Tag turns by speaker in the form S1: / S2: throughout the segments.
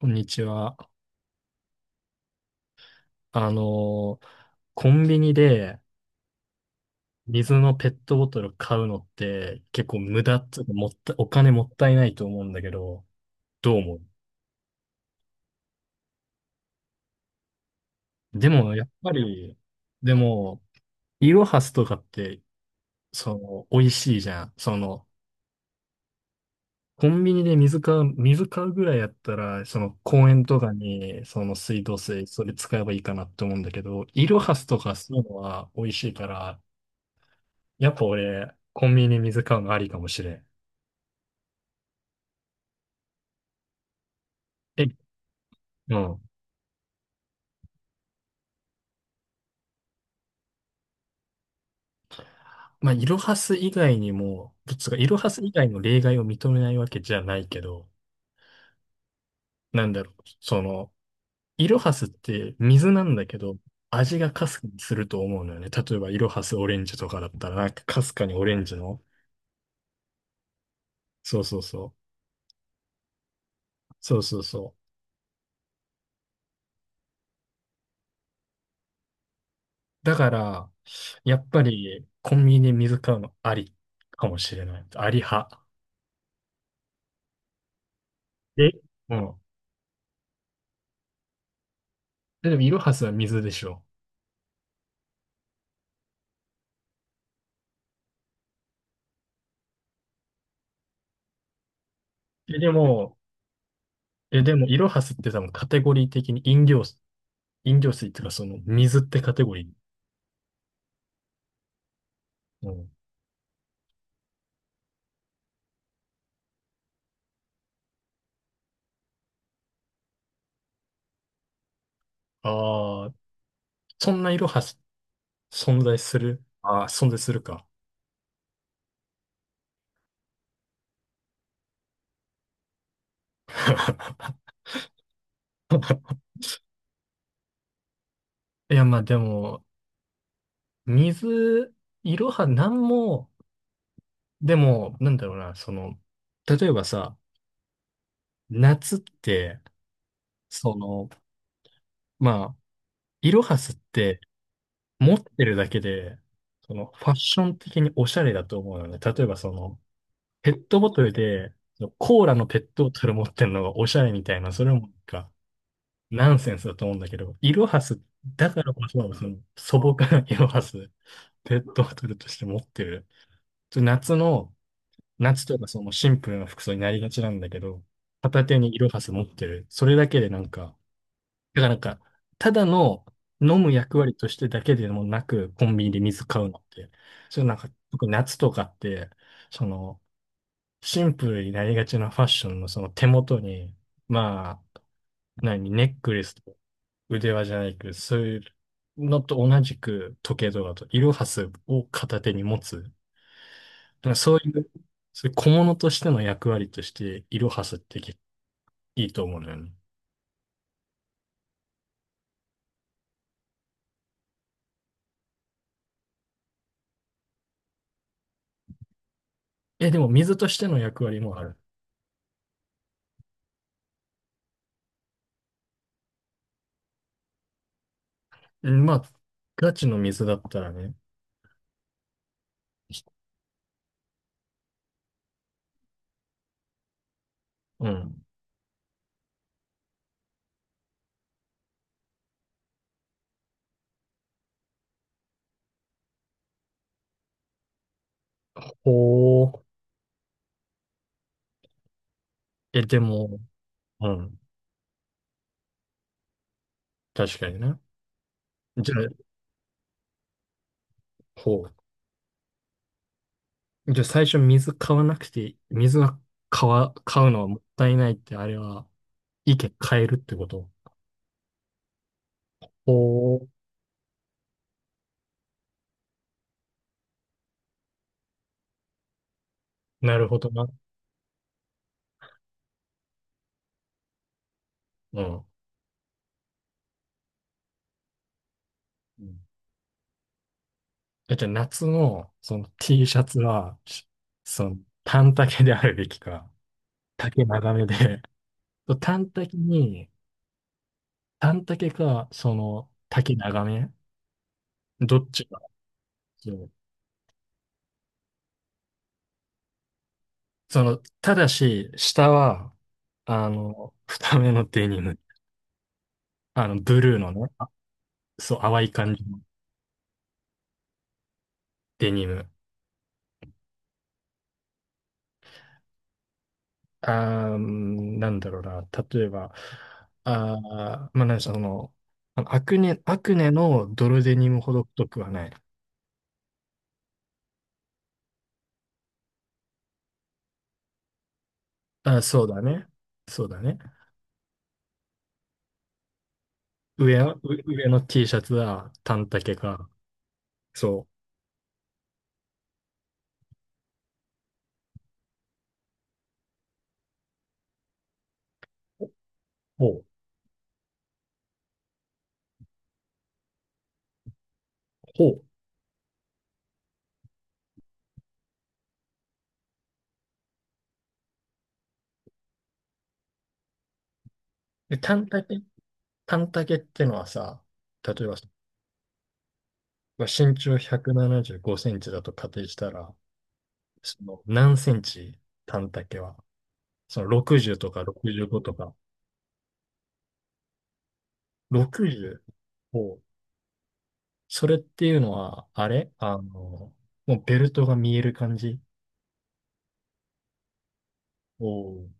S1: こんにちは。あのーコンビニで水のペットボトル買うのって結構無駄っていうかもったお金もったいないと思うんだけど、どう思う？でもやっぱり、でも、イロハスとかって、美味しいじゃん。コンビニで水買うぐらいやったら、その公園とかに、その水道水、それ使えばいいかなって思うんだけど、イロハスとかそういうのは美味しいから、やっぱ俺、コンビニで水買うのありかもしれん。え、うん。まあ、イロハス以外にも、つうか、イロハス以外の例外を認めないわけじゃないけど、なんだろう、イロハスって水なんだけど、味がかすかにすると思うのよね。例えば、イロハスオレンジとかだったら、なんかかすかにオレンジの、そうそうそう、そうそうそう。だから、やっぱり、コンビニで水買うのありかもしれない。あり派。えうん。でも、イロハスは水でしょ？え、でも、イロハスって多分カテゴリー的に飲料水っていうか、水ってカテゴリー。うん、ああ、そんな色はし存在する。ああ、存在するか。いや、まあでも、水、いろはなんも、でも、なんだろうな、例えばさ、夏って、その、まあ、いろはすって、持ってるだけで、ファッション的におしゃれだと思うのね。例えば、ペットボトルで、そのコーラのペットボトル持ってるのがおしゃれみたいな、それもなんか、ナンセンスだと思うんだけど、イロハス、だからこそ、その素朴なイロハス、ペットボトルとして持ってる。ちょ夏の、夏とかそのシンプルな服装になりがちなんだけど、片手にイロハス持ってる。それだけでなんか、だからなんか、ただの飲む役割としてだけでもなく、コンビニで水買うのって、それなんか、特に夏とかって、その、シンプルになりがちなファッションのその手元に、まあ、何、ネックレスとか腕輪じゃないけど、そういうのと同じく時計とかと、イロハスを片手に持つ。なんかそういう小物としての役割として、イロハスっていいと思うのよね。え、でも水としての役割もある。うん、まあ、ガチの水だったらね。うん。ほう。え、でも、うん。確かにな。じゃあ、ほう。じゃあ最初水買わなくて、水は買うのはもったいないって、あれは、意見変えるってこと？ほう。なるほどな。うん。うん、じゃあ夏のその T シャツは、その短丈であるべきか、丈長めで、短丈に、短丈か、その丈長め、どっちが、そう。ただし、下は、二目のデニム、ブルーのね、そう、淡い感じのデニム。なんだろうな。例えば、まあ、なんでしょう、アクネのドルデニムほど太くはない。そうだね。そうだね。上は、う上の T シャツは短丈か。そう。ほう。ほう。で、短丈ってのはさ、例えば、まあ身長175センチだと仮定したら、その何センチ、短丈は、その60とか65とか、60。それっていうのは、あれあの、もうベルトが見える感じ。おー。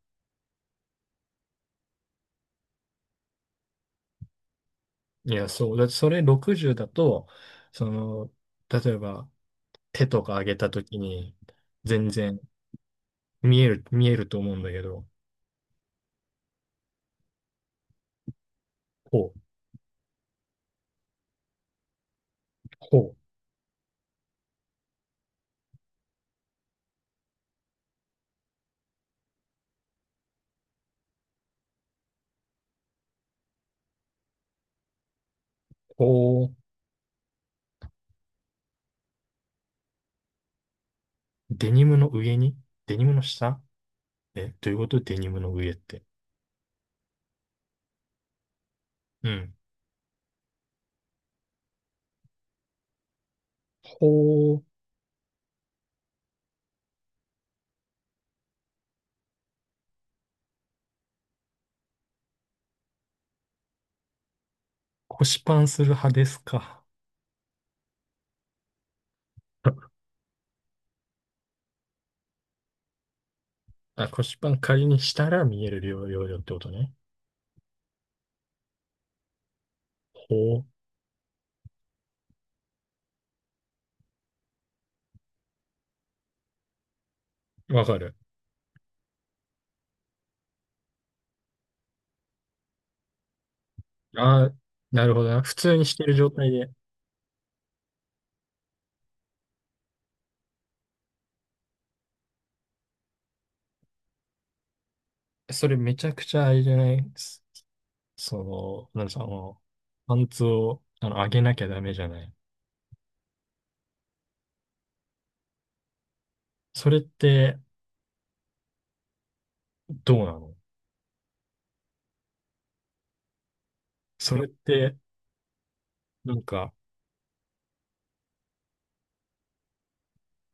S1: いや、そう。だってそれ60だと、その、例えば手とか上げたときに、全然見えると思うんだけど、こう、こう、こう、デニムの上に、デニムの下、えどういうこと？デニムの上って。うん。こう、腰パンする派ですか？あ、腰パン仮にしたら見えるよ量よってことね。ほう。わかる。ああ、なるほどな。普通にしてる状態で。それめちゃくちゃあれじゃない？なんですか、パンツを、上げなきゃダメじゃない？それってどうなの？それって、なんか、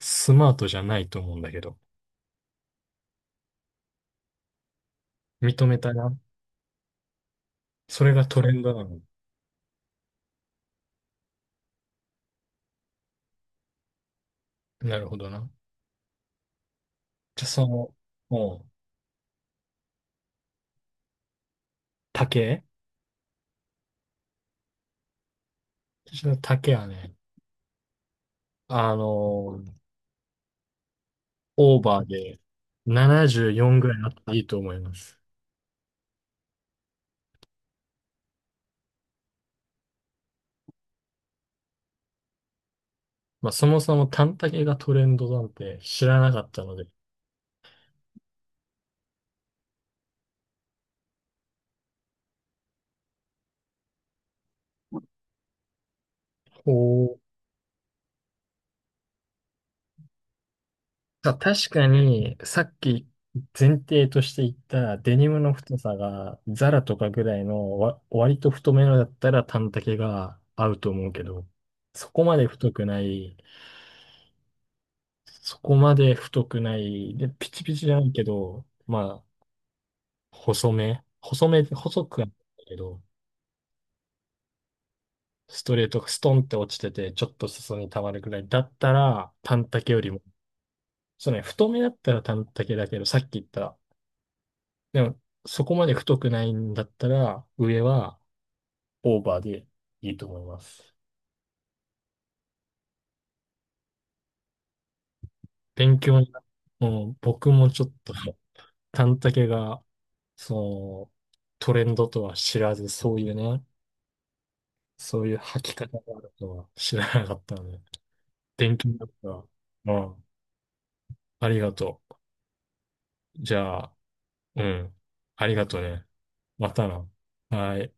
S1: スマートじゃないと思うんだけど。認めたな。それがトレンドなの？なるほどな。じゃあ、もう、丈私の丈はね、あの、オーバーで74ぐらいあっていいと思います。まあ、そもそも短丈がトレンドなんて知らなかったので。おー。まあ、確かに、さっき前提として言ったデニムの太さがザラとかぐらいの割と太めのだったら短丈が合うと思うけど、そこまで太くない、そこまで太くない、で、ピチピチじゃないけど、まあ、細め、細くはないけど、ストレートがストンって落ちてて、ちょっと裾に溜まるぐらいだったら、短丈よりも、そうね、太めだったら短丈だけど、さっき言った、でも、そこまで太くないんだったら、上はオーバーでいいと思います。勉強になる、もう僕もちょっと、短丈が、その、トレンドとは知らず、そういうね、そういう履き方があるとは知らなかったので、勉強になった。うん、ありがとう。じゃあ、うん、ありがとうね。またな。はい。